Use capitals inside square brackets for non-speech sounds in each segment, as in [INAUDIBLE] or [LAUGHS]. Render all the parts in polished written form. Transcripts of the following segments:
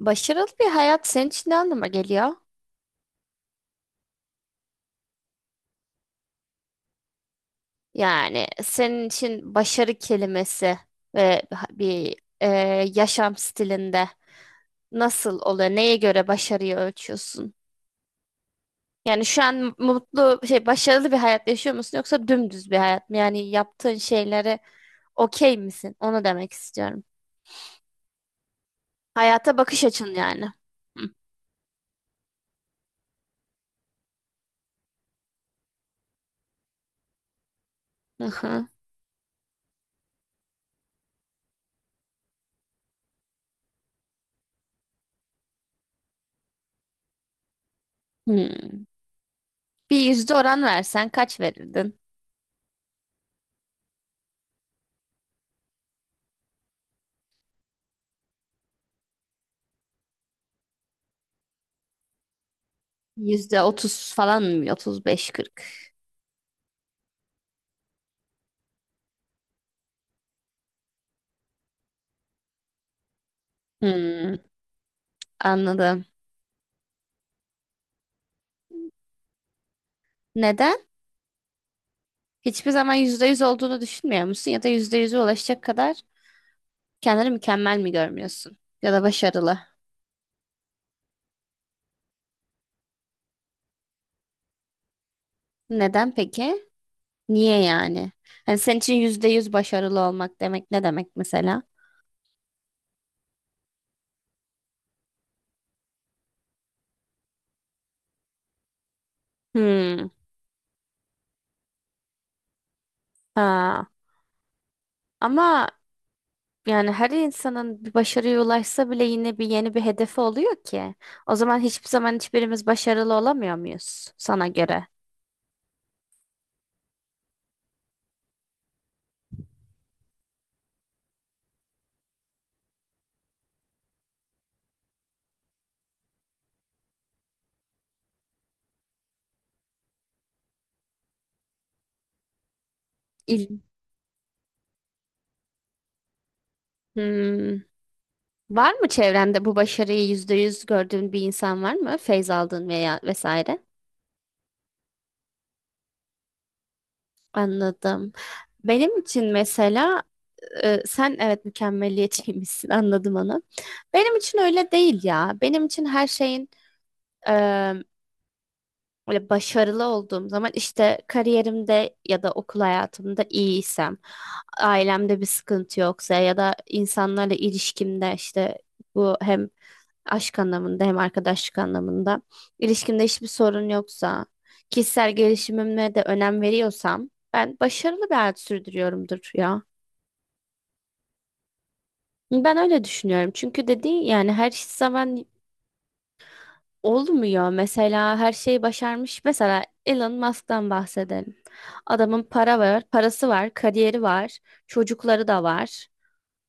Başarılı bir hayat senin için ne anlama geliyor? Yani senin için başarı kelimesi ve bir e, yaşam stilinde nasıl oluyor? Neye göre başarıyı ölçüyorsun? Yani şu an mutlu, şey başarılı bir hayat yaşıyor musun yoksa dümdüz bir hayat mı? Yani yaptığın şeylere okey misin? Onu demek istiyorum. Hayata bakış açın yani. Hı. Aha. Hmm. Bir yüzde oran versen kaç verirdin? %30 falan mı? 35 40. Hmm, anladım. Neden? Hiçbir zaman %100 olduğunu düşünmüyor musun? Ya da %100'e ulaşacak kadar kendini mükemmel mi görmüyorsun? Ya da başarılı. Neden peki? Niye yani? Hani senin için %100 başarılı olmak demek ne demek mesela? Hmm. Ha. Ama yani her insanın bir başarıya ulaşsa bile yine bir yeni bir hedefi oluyor ki. O zaman hiçbir zaman hiçbirimiz başarılı olamıyor muyuz sana göre? İl- Hmm. Var mı çevrende bu başarıyı %100 gördüğün bir insan var mı? Feyz aldığın veya vesaire. Anladım. Benim için mesela sen evet mükemmeliyetçiymişsin [LAUGHS] anladım onu. Benim için öyle değil ya. Benim için her şeyin böyle başarılı olduğum zaman işte kariyerimde ya da okul hayatımda iyiysem, ailemde bir sıkıntı yoksa ya da insanlarla ilişkimde işte bu hem aşk anlamında hem arkadaşlık anlamında ilişkimde hiçbir sorun yoksa, kişisel gelişimime de önem veriyorsam ben başarılı bir hayat sürdürüyorumdur ya. Ben öyle düşünüyorum. Çünkü dediğin yani her zaman olmuyor mesela her şeyi başarmış. Mesela Elon Musk'tan bahsedelim. Adamın para var, parası var, kariyeri var, çocukları da var.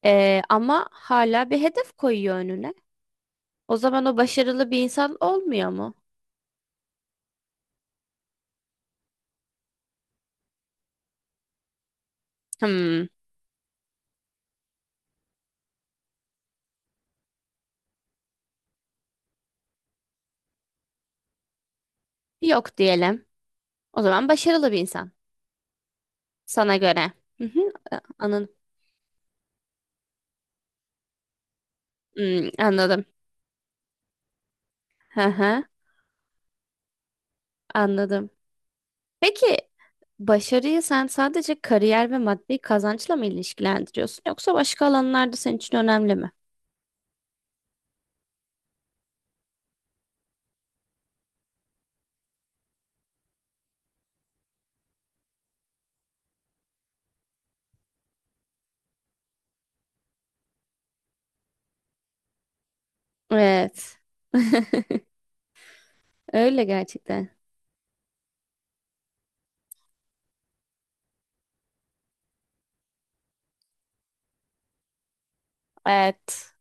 Ama hala bir hedef koyuyor önüne. O zaman o başarılı bir insan olmuyor mu? Hmm, yok diyelim. O zaman başarılı bir insan sana göre. Hı hı, anın- hmm, anladım. Hı hı, anladım. Peki başarıyı sen sadece kariyer ve maddi kazançla mı ilişkilendiriyorsun yoksa başka alanlarda senin için önemli mi? Evet. [LAUGHS] Öyle gerçekten. Evet.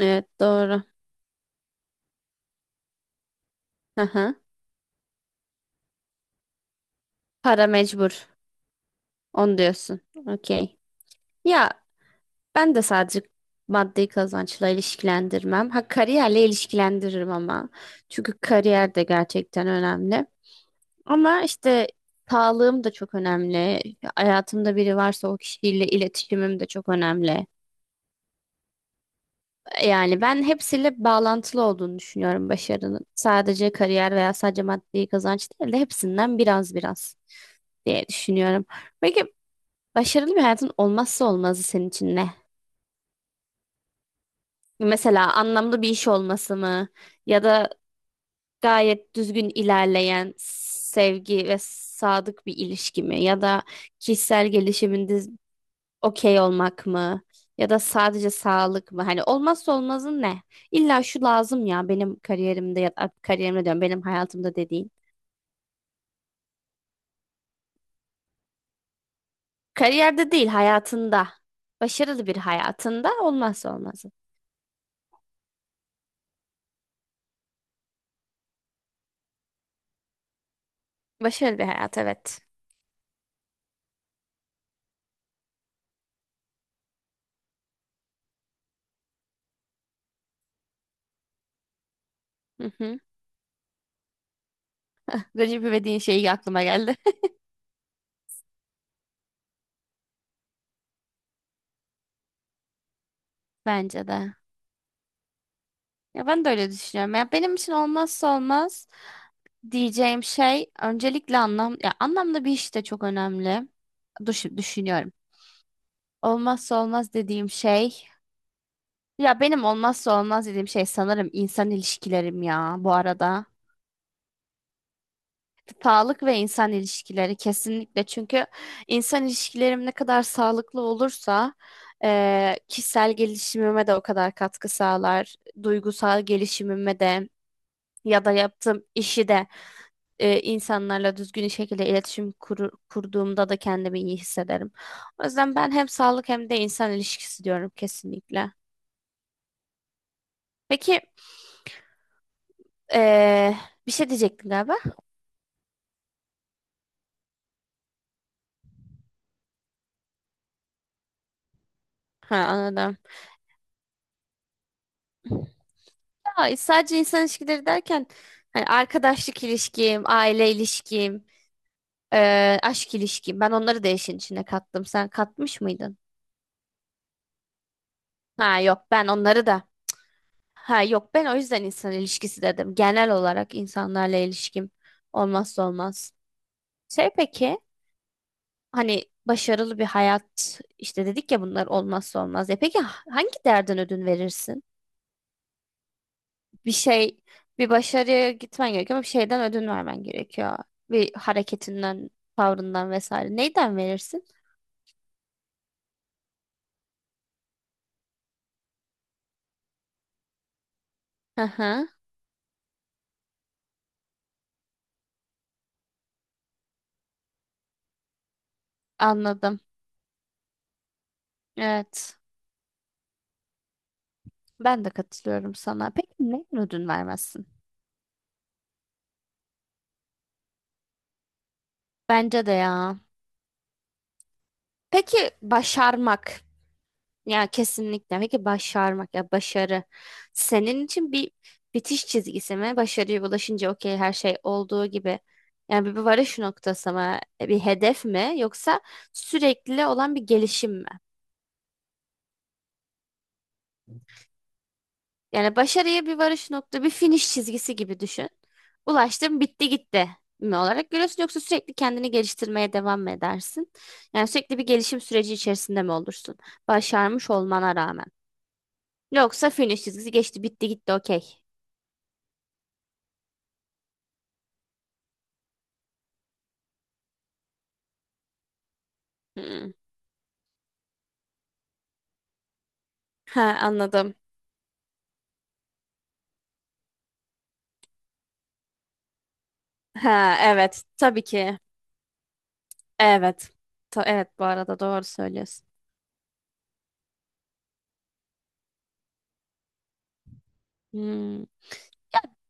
Evet doğru. Aha. Para mecbur. Onu diyorsun. Okey. Ya ben de sadece maddi kazançla ilişkilendirmem. Ha kariyerle ilişkilendiririm ama. Çünkü kariyer de gerçekten önemli. Ama işte sağlığım da çok önemli. Hayatımda biri varsa o kişiyle iletişimim de çok önemli. Yani ben hepsiyle bağlantılı olduğunu düşünüyorum başarının. Sadece kariyer veya sadece maddi kazanç değil de hepsinden biraz biraz diye düşünüyorum. Peki başarılı bir hayatın olmazsa olmazı senin için ne? Mesela anlamlı bir iş olması mı? Ya da gayet düzgün ilerleyen sevgi ve sadık bir ilişki mi? Ya da kişisel gelişiminde okey olmak mı? Ya da sadece sağlık mı? Hani olmazsa olmazın ne? İlla şu lazım ya benim kariyerimde ya da kariyerimde diyorum benim hayatımda dediğin. Kariyerde değil hayatında. Başarılı bir hayatında olmazsa olmazın. Başarılı bir hayat evet. Hı hı. Recep İvedik'in şeyi aklıma geldi. [LAUGHS] Bence de. Ya ben de öyle düşünüyorum. Ya benim için olmazsa olmaz diyeceğim şey öncelikle anlam ya anlamlı bir iş de çok önemli. Düşünüyorum. Olmazsa olmaz dediğim şey ya benim olmazsa olmaz dediğim şey sanırım insan ilişkilerim ya bu arada. Sağlık ve insan ilişkileri kesinlikle. Çünkü insan ilişkilerim ne kadar sağlıklı olursa kişisel gelişimime de o kadar katkı sağlar. Duygusal gelişimime de ya da yaptığım işi de insanlarla düzgün şekilde iletişim kurduğumda da kendimi iyi hissederim. O yüzden ben hem sağlık hem de insan ilişkisi diyorum kesinlikle. Peki eee, bir şey diyecektin galiba. Ha, anladım. Ya, sadece insan ilişkileri derken hani arkadaşlık ilişkim, aile ilişkim, e, aşk ilişkim. Ben onları da işin içine kattım. Sen katmış mıydın? Ha yok ben onları da. Ha yok ben o yüzden insan ilişkisi dedim. Genel olarak insanlarla ilişkim olmazsa olmaz. Şey peki hani başarılı bir hayat işte dedik ya bunlar olmazsa olmaz. E peki hangi değerden ödün verirsin? Bir şey bir başarıya gitmen gerekiyor ama bir şeyden ödün vermen gerekiyor. Bir hareketinden, tavrından vesaire. Neyden verirsin? Hı hı, anladım. Evet. Ben de katılıyorum sana. Peki neyden ödün vermezsin? Bence de ya. Peki başarmak. Ya kesinlikle. Peki başarmak ya başarı senin için bir bitiş çizgisi mi? Başarıya ulaşınca okey her şey olduğu gibi. Yani bir varış noktası mı? Bir hedef mi? Yoksa sürekli olan bir gelişim mi? Yani başarıya bir varış nokta, bir finish çizgisi gibi düşün. Ulaştım, bitti gitti mi olarak görüyorsun yoksa sürekli kendini geliştirmeye devam mı edersin? Yani sürekli bir gelişim süreci içerisinde mi olursun? Başarmış olmana rağmen. Yoksa finish çizgisi geçti, bitti gitti okey. Hmm. Ha anladım. Ha evet tabii ki. Evet. Evet bu arada doğru söylüyorsun. Hmm.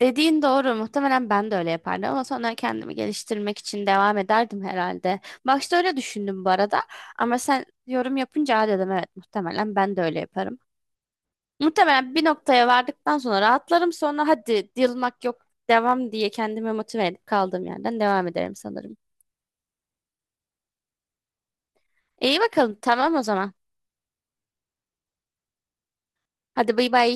Dediğin doğru. Muhtemelen ben de öyle yapardım ama sonra kendimi geliştirmek için devam ederdim herhalde. Başta öyle düşündüm bu arada ama sen yorum yapınca "Aa," dedim evet muhtemelen ben de öyle yaparım. Muhtemelen bir noktaya vardıktan sonra rahatlarım sonra hadi yılmak yok devam diye kendimi motive edip kaldığım yerden devam ederim sanırım. İyi bakalım tamam o zaman. Hadi bay bay.